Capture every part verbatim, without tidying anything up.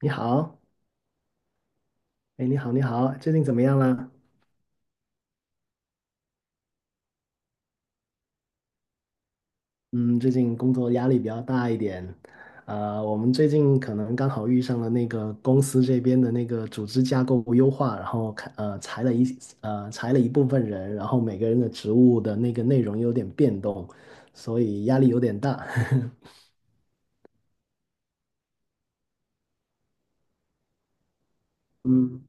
你好。哎，你好，你好，最近怎么样啦？嗯，最近工作压力比较大一点，呃，我们最近可能刚好遇上了那个公司这边的那个组织架构优化，然后看呃裁了一呃裁了一部分人，然后每个人的职务的那个内容有点变动，所以压力有点大。嗯。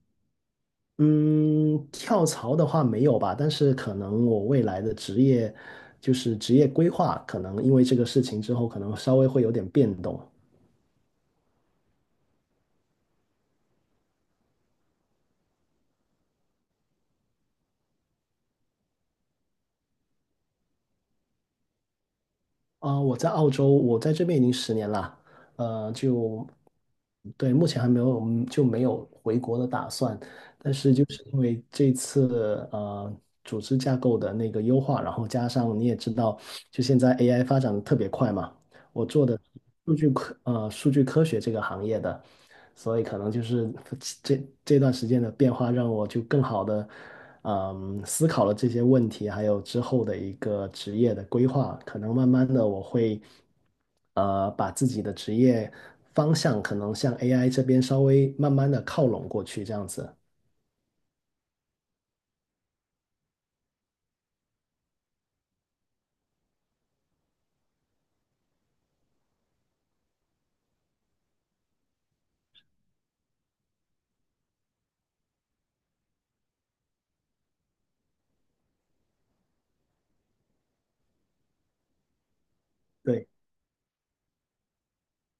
嗯，跳槽的话没有吧，但是可能我未来的职业就是职业规划，可能因为这个事情之后，可能稍微会有点变动。啊、我在澳洲，我在这边已经十年了，呃，就对，目前还没有嗯就没有回国的打算，但是就是因为这次呃组织架构的那个优化，然后加上你也知道，就现在 A I 发展的特别快嘛，我做的数据科呃数据科学这个行业的，所以可能就是这这段时间的变化让我就更好的。嗯，思考了这些问题，还有之后的一个职业的规划，可能慢慢的我会，呃，把自己的职业方向可能向 A I 这边稍微慢慢的靠拢过去，这样子。对。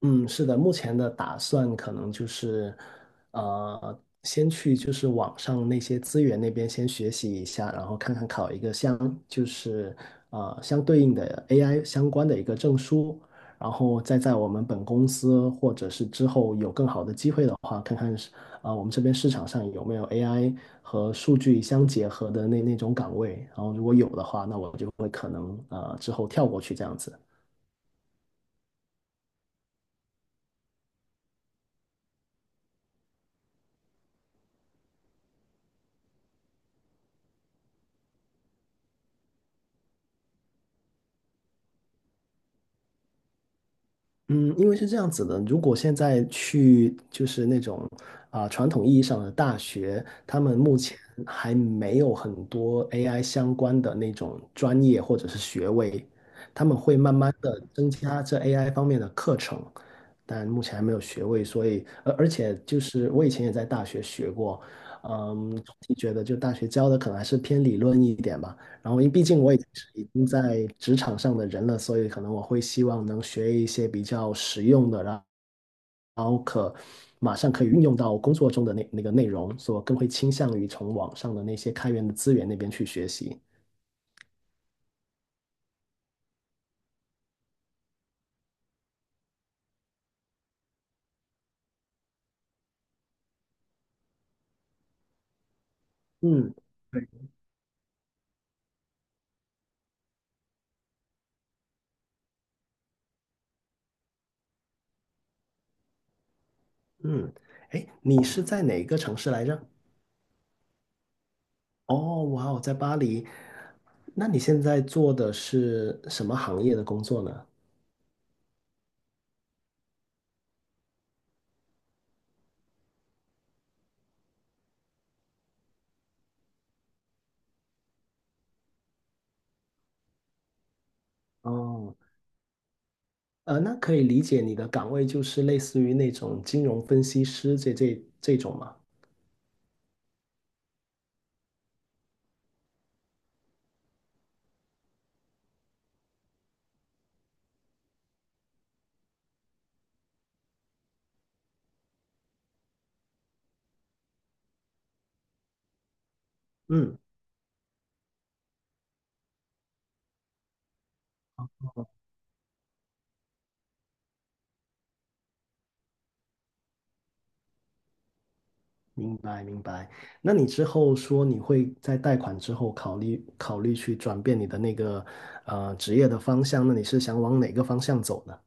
嗯，是的，目前的打算可能就是，呃，先去就是网上那些资源那边先学习一下，然后看看考一个相就是呃相对应的 A I 相关的一个证书，然后再在我们本公司或者是之后有更好的机会的话，看看是啊、呃我们这边市场上有没有 A I 和数据相结合的那那种岗位，然后如果有的话，那我就会可能呃之后跳过去这样子。嗯，因为是这样子的，如果现在去就是那种啊、传统意义上的大学，他们目前还没有很多 A I 相关的那种专业或者是学位，他们会慢慢的增加这 A I 方面的课程，但目前还没有学位，所以而而且就是我以前也在大学学过，嗯，总体觉得就大学教的可能还是偏理论一点吧。然后因为毕竟我已经是已经在职场上的人了，所以可能我会希望能学一些比较实用的，然后可马上可以运用到工作中的那那个内容，所以我更会倾向于从网上的那些开源的资源那边去学习。嗯。嗯，哎，你是在哪个城市来着？哦，哇哦，在巴黎。那你现在做的是什么行业的工作呢？哦，呃，那可以理解你的岗位就是类似于那种金融分析师这这这种吗？嗯，明白明白。那你之后说你会在贷款之后考虑考虑去转变你的那个呃职业的方向，那你是想往哪个方向走呢？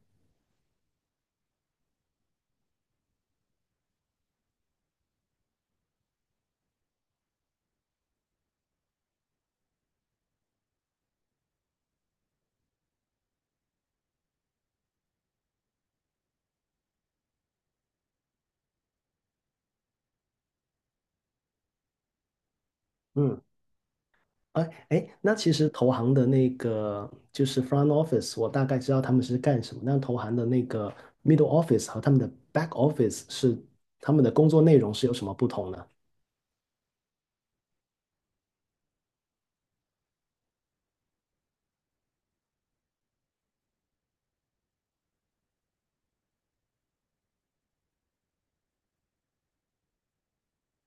嗯，哎哎，那其实投行的那个就是 front office，我大概知道他们是干什么。那投行的那个 middle office 和他们的 back office 是他们的工作内容是有什么不同呢？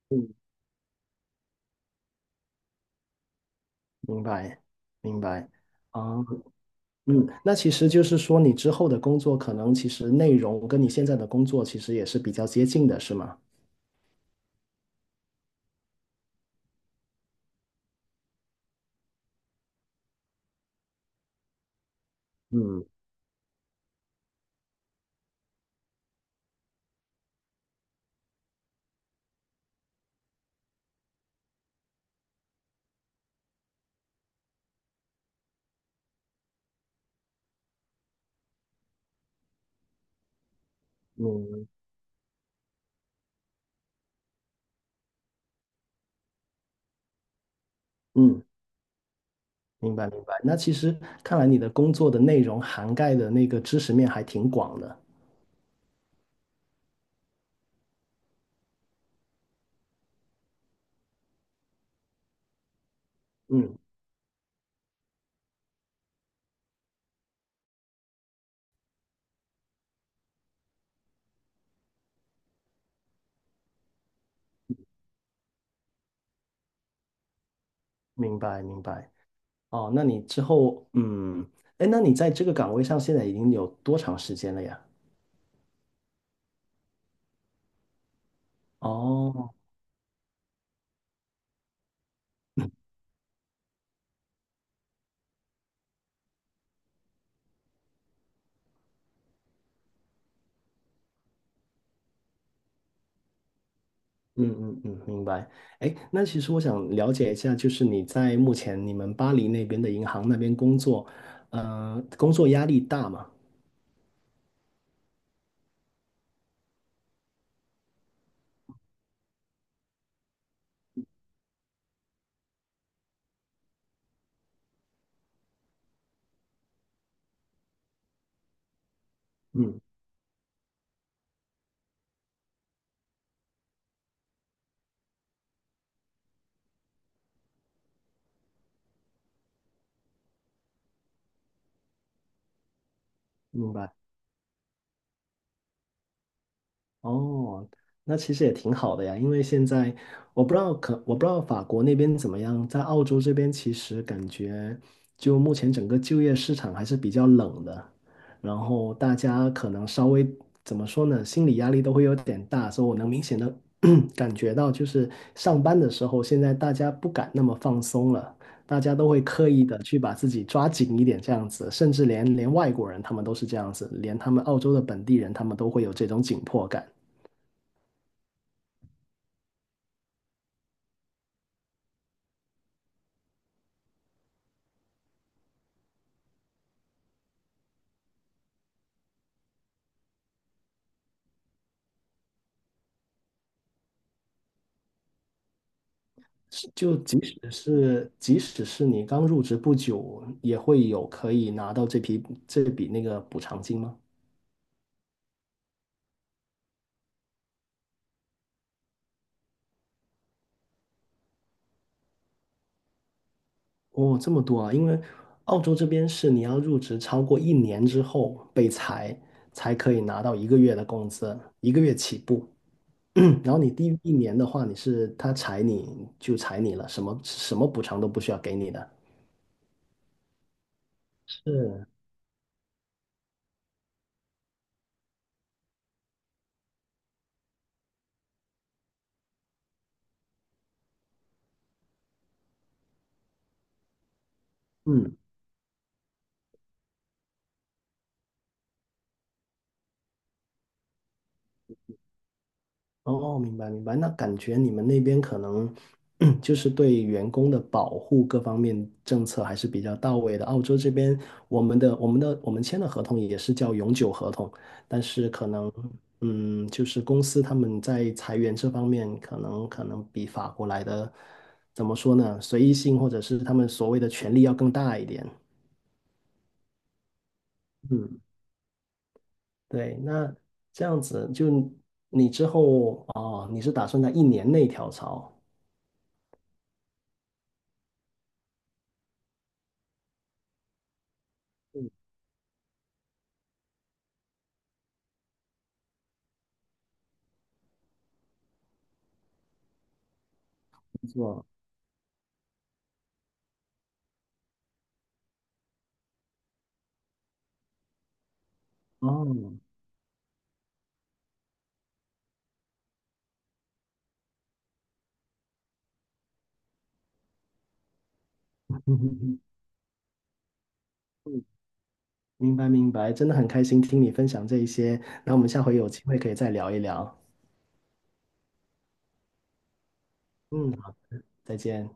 嗯，明白明白。嗯。嗯，那其实就是说，你之后的工作可能其实内容跟你现在的工作其实也是比较接近的，是吗？嗯嗯嗯，明白明白。那其实看来你的工作的内容涵盖的那个知识面还挺广的。嗯，明白明白。哦，那你之后，嗯，哎，那你在这个岗位上现在已经有多长时间了呀？哦，嗯嗯嗯，明白。哎，那其实我想了解一下，就是你在目前你们巴黎那边的银行那边工作，呃，工作压力大吗？嗯，明白。哦，那其实也挺好的呀，因为现在我不知道可我不知道法国那边怎么样，在澳洲这边其实感觉就目前整个就业市场还是比较冷的，然后大家可能稍微怎么说呢，心理压力都会有点大，所以我能明显的 感觉到，就是上班的时候，现在大家不敢那么放松了，大家都会刻意的去把自己抓紧一点这样子，甚至连连外国人他们都是这样子，连他们澳洲的本地人他们都会有这种紧迫感。是就即使是即使是你刚入职不久，也会有可以拿到这批这笔那个补偿金吗？哦，这么多啊！因为澳洲这边是你要入职超过一年之后被裁，才可以拿到一个月的工资，一个月起步。然后你低于一年的话，你是他裁你就裁你了，什么什么补偿都不需要给你的。是。嗯。哦，明白明白。那感觉你们那边可能 就是对员工的保护各方面政策还是比较到位的。澳洲这边，我们的我们的我们签的合同也是叫永久合同，但是可能，嗯，就是公司他们在裁员这方面，可能可能比法国来的，怎么说呢？随意性或者是他们所谓的权利要更大一点。嗯，对，那这样子就你之后哦，你是打算在一年内跳槽？哦，嗯，明白明白，真的很开心听你分享这一些，那我们下回有机会可以再聊一聊。嗯，好，再见。